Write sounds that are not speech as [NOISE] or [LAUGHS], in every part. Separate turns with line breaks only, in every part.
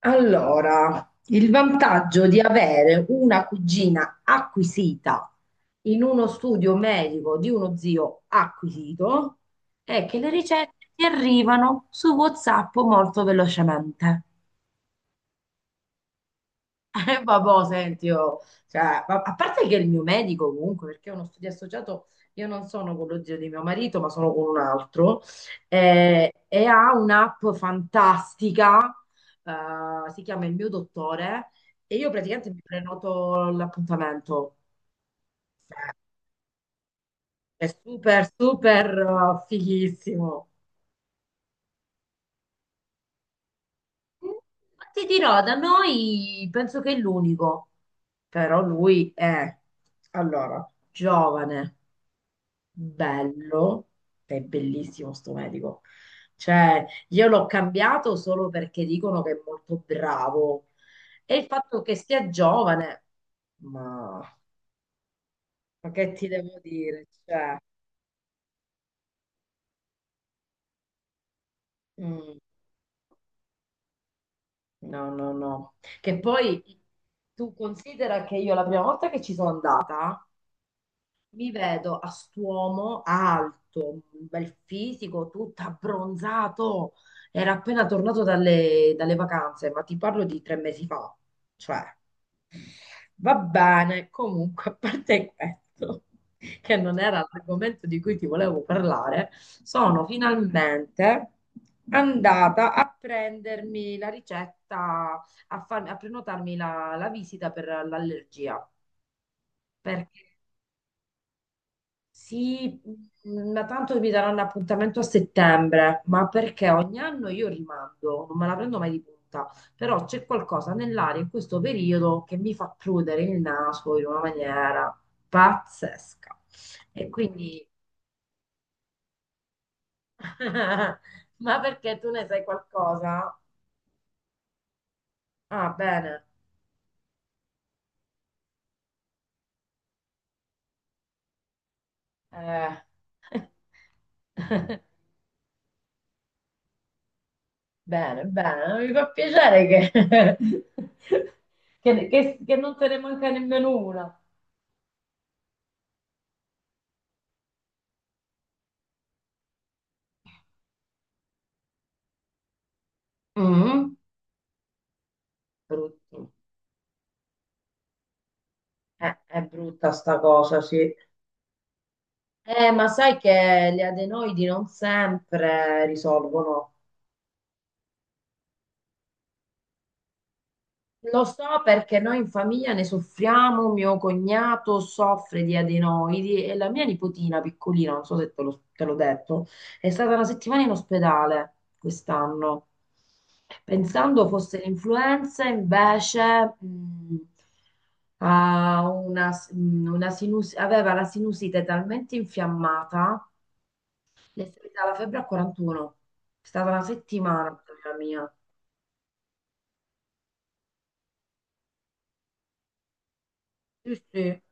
Allora, il vantaggio di avere una cugina acquisita in uno studio medico di uno zio acquisito è che le ricette ti arrivano su WhatsApp molto velocemente. Vabbò, senti, io, cioè, a parte che il mio medico comunque, perché è uno studio associato, io non sono con lo zio di mio marito, ma sono con un altro, e ha un'app fantastica, si chiama Il mio dottore, e io praticamente mi prenoto l'appuntamento. È super, super, fighissimo. Mm, Ti dirò, da noi penso che è l'unico. Però lui è, allora, giovane, bello, è bellissimo sto medico. Cioè, io l'ho cambiato solo perché dicono che è molto bravo. E il fatto che sia giovane, ma, ma che ti devo dire? Cioè, mm, no, no, no. Che poi tu considera che io la prima volta che ci sono andata, mi vedo a st'uomo alto, un bel fisico, tutto abbronzato. Era appena tornato dalle vacanze, ma ti parlo di 3 mesi fa. Cioè, va bene, comunque, a parte questo, che non era l'argomento di cui ti volevo parlare, sono finalmente andata a prendermi la ricetta, a prenotarmi la visita per l'allergia. Perché. Sì, ma tanto mi daranno appuntamento a settembre, ma perché ogni anno io rimando, non me la prendo mai di punta, però c'è qualcosa nell'aria in questo periodo che mi fa prudere il naso in una maniera pazzesca. E quindi, [LAUGHS] ma perché tu ne sai qualcosa? Ah, bene. Eh. [LAUGHS] Bene, bene, mi fa piacere che, [LAUGHS] che non te ne manca nemmeno una. Mm. Brutti. È brutta sta cosa, sì. Ma sai che gli adenoidi non sempre risolvono. Lo so perché noi in famiglia ne soffriamo, mio cognato soffre di adenoidi e la mia nipotina piccolina, non so se te l'ho detto, è stata una settimana in ospedale quest'anno. Pensando fosse l'influenza, invece ha una aveva la sinusite talmente infiammata, le è salita la febbre a 41. È stata una settimana, la mia. Sì, sì.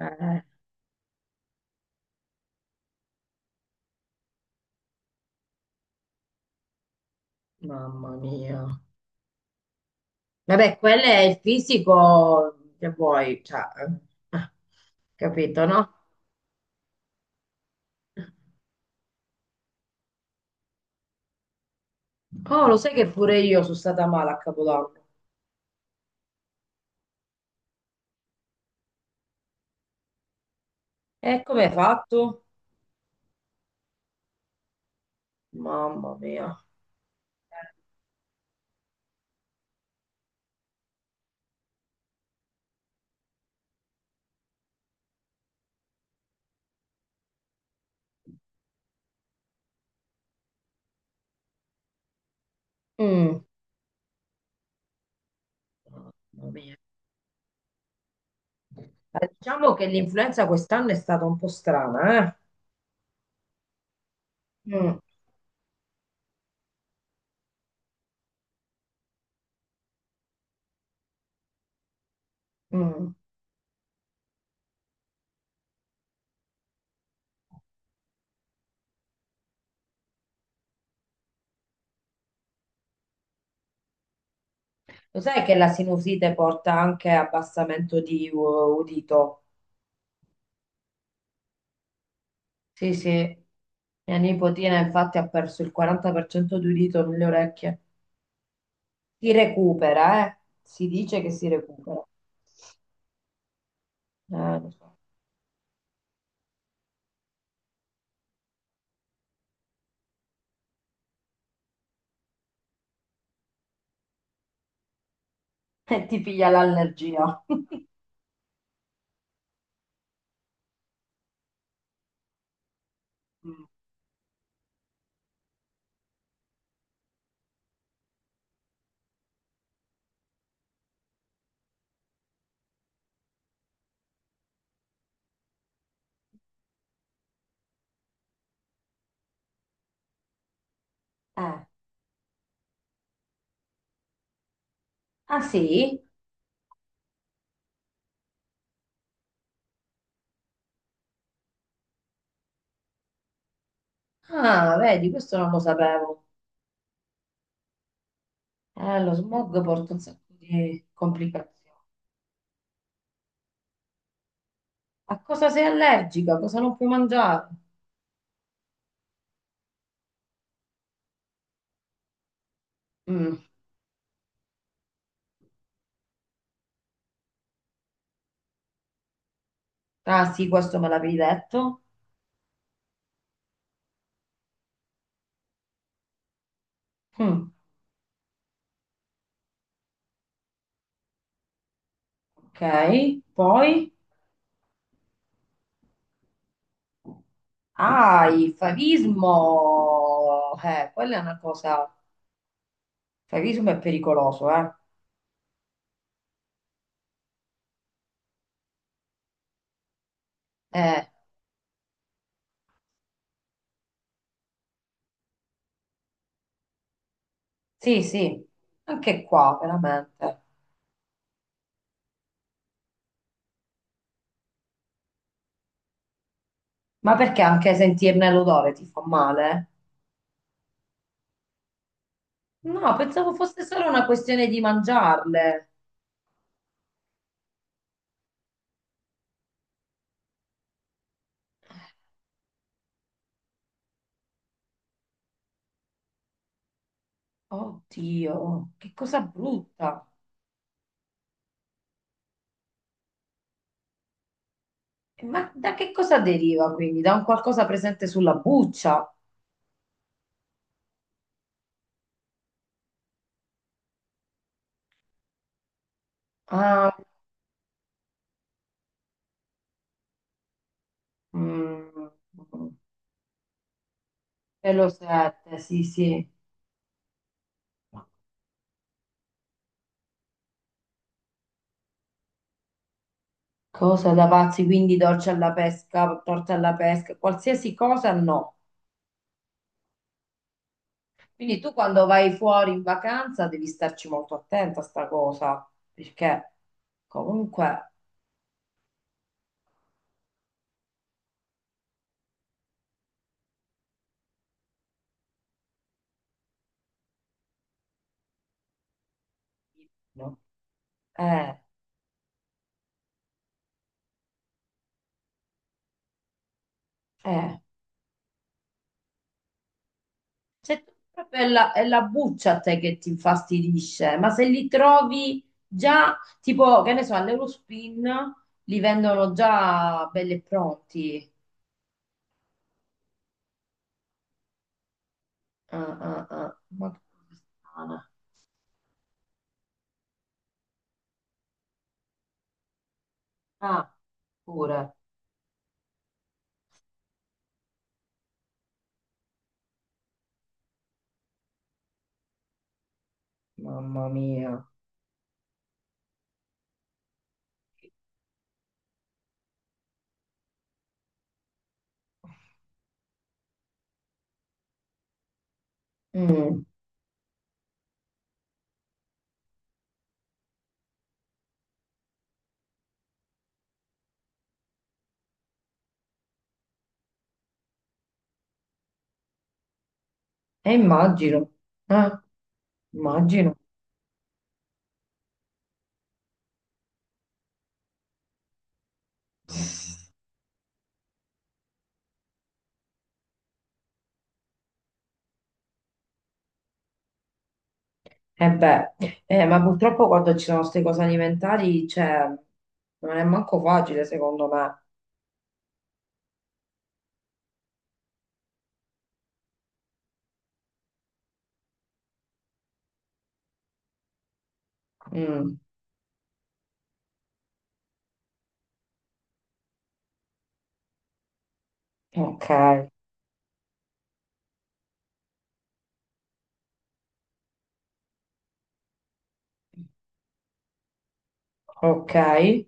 Eh, mamma mia. Vabbè, quello è il fisico che vuoi, cioè, eh, eh, capito, no? Oh, lo sai che pure io sono stata male a Capodanno. E come hai fatto? Mamma mia. Mm, Mamma mia. Diciamo che l'influenza quest'anno è stata un po' strana, eh? Mm, mm. Lo sai che la sinusite porta anche abbassamento di udito? Sì, sì. Mia nipotina infatti ha perso il 40% di udito nelle orecchie. Si recupera, eh? Si dice che si recupera. Lo so. [LAUGHS] E ti piglia l'allergia. [LAUGHS] Mm. Eh. Ah sì? Ah, vedi, questo non lo sapevo. Lo smog porta un sacco di complicazioni. A cosa sei allergica? Cosa non puoi mangiare? Mm. Ah sì, questo me l'avevi detto. Mm. Ok, poi? Ah, il favismo. Quella è una cosa. Il favismo è pericoloso, eh? Eh. Sì, sì, anche qua veramente. Ma perché anche sentirne l'odore ti fa male? No, pensavo fosse solo una questione di mangiarle. Oddio, che cosa brutta. Ma da che cosa deriva quindi? Da un qualcosa presente sulla buccia? Ah, mm, pelo 7, sì, sì. Cosa da pazzi, quindi dolce alla pesca, torta alla pesca, qualsiasi cosa no. Quindi tu quando vai fuori in vacanza devi starci molto attenta a sta cosa, perché comunque no? Eh, eh. Cioè, proprio è la buccia a te che ti infastidisce, ma se li trovi già, tipo, che ne so, all'Eurospin li vendono già belli e pronti. Ah, ah, ah. Ma che cosa strana. Ah, pure. Mamma mia. Mm, E immagino, eh, immagino. Eh beh, ma purtroppo quando ci sono queste cose alimentari, cioè, non è manco facile secondo me. Mm, ok, ok.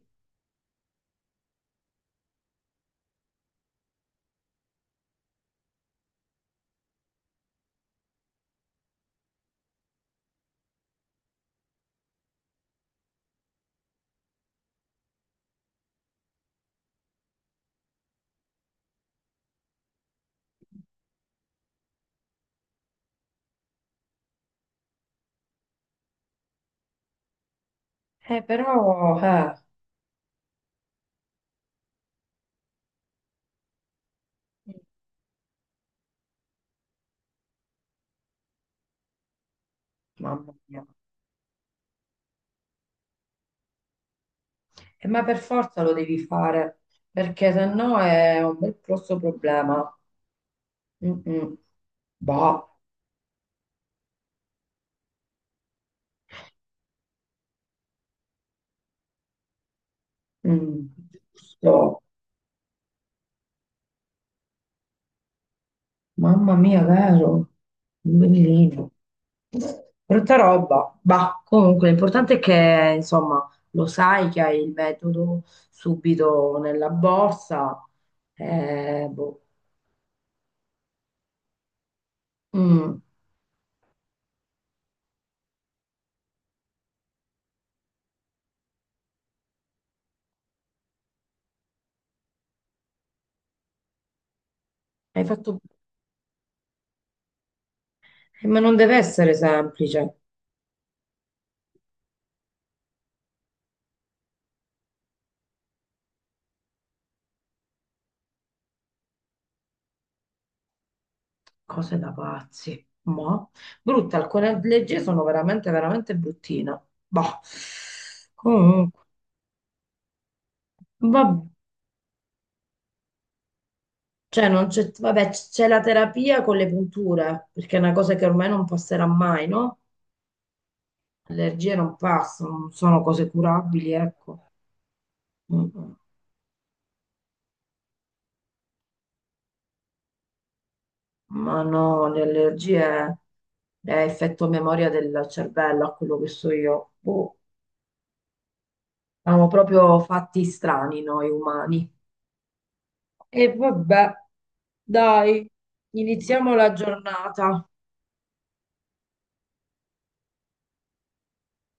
Però, mamma mia. Ma per forza lo devi fare, perché se no è un bel grosso problema. Mm-mm. Boh, mm, giusto. Mamma mia, vero? Un bellino. Brutta roba, bah, comunque l'importante è che insomma lo sai che hai il metodo subito nella borsa, boh. Mm, hai fatto. Eh, ma non deve essere semplice, cose da pazzi, ma brutte, alcune leggi sono veramente, veramente bruttine, bah, comunque, vabbè, cioè, non c'è vabbè, c'è la terapia con le punture, perché è una cosa che ormai non passerà mai, no? Allergie non passano, non sono cose curabili, ecco. Mm, ma no, le allergie è effetto memoria del cervello, a quello che so io. Boh, siamo proprio fatti strani noi umani. E vabbè, dai, iniziamo la giornata.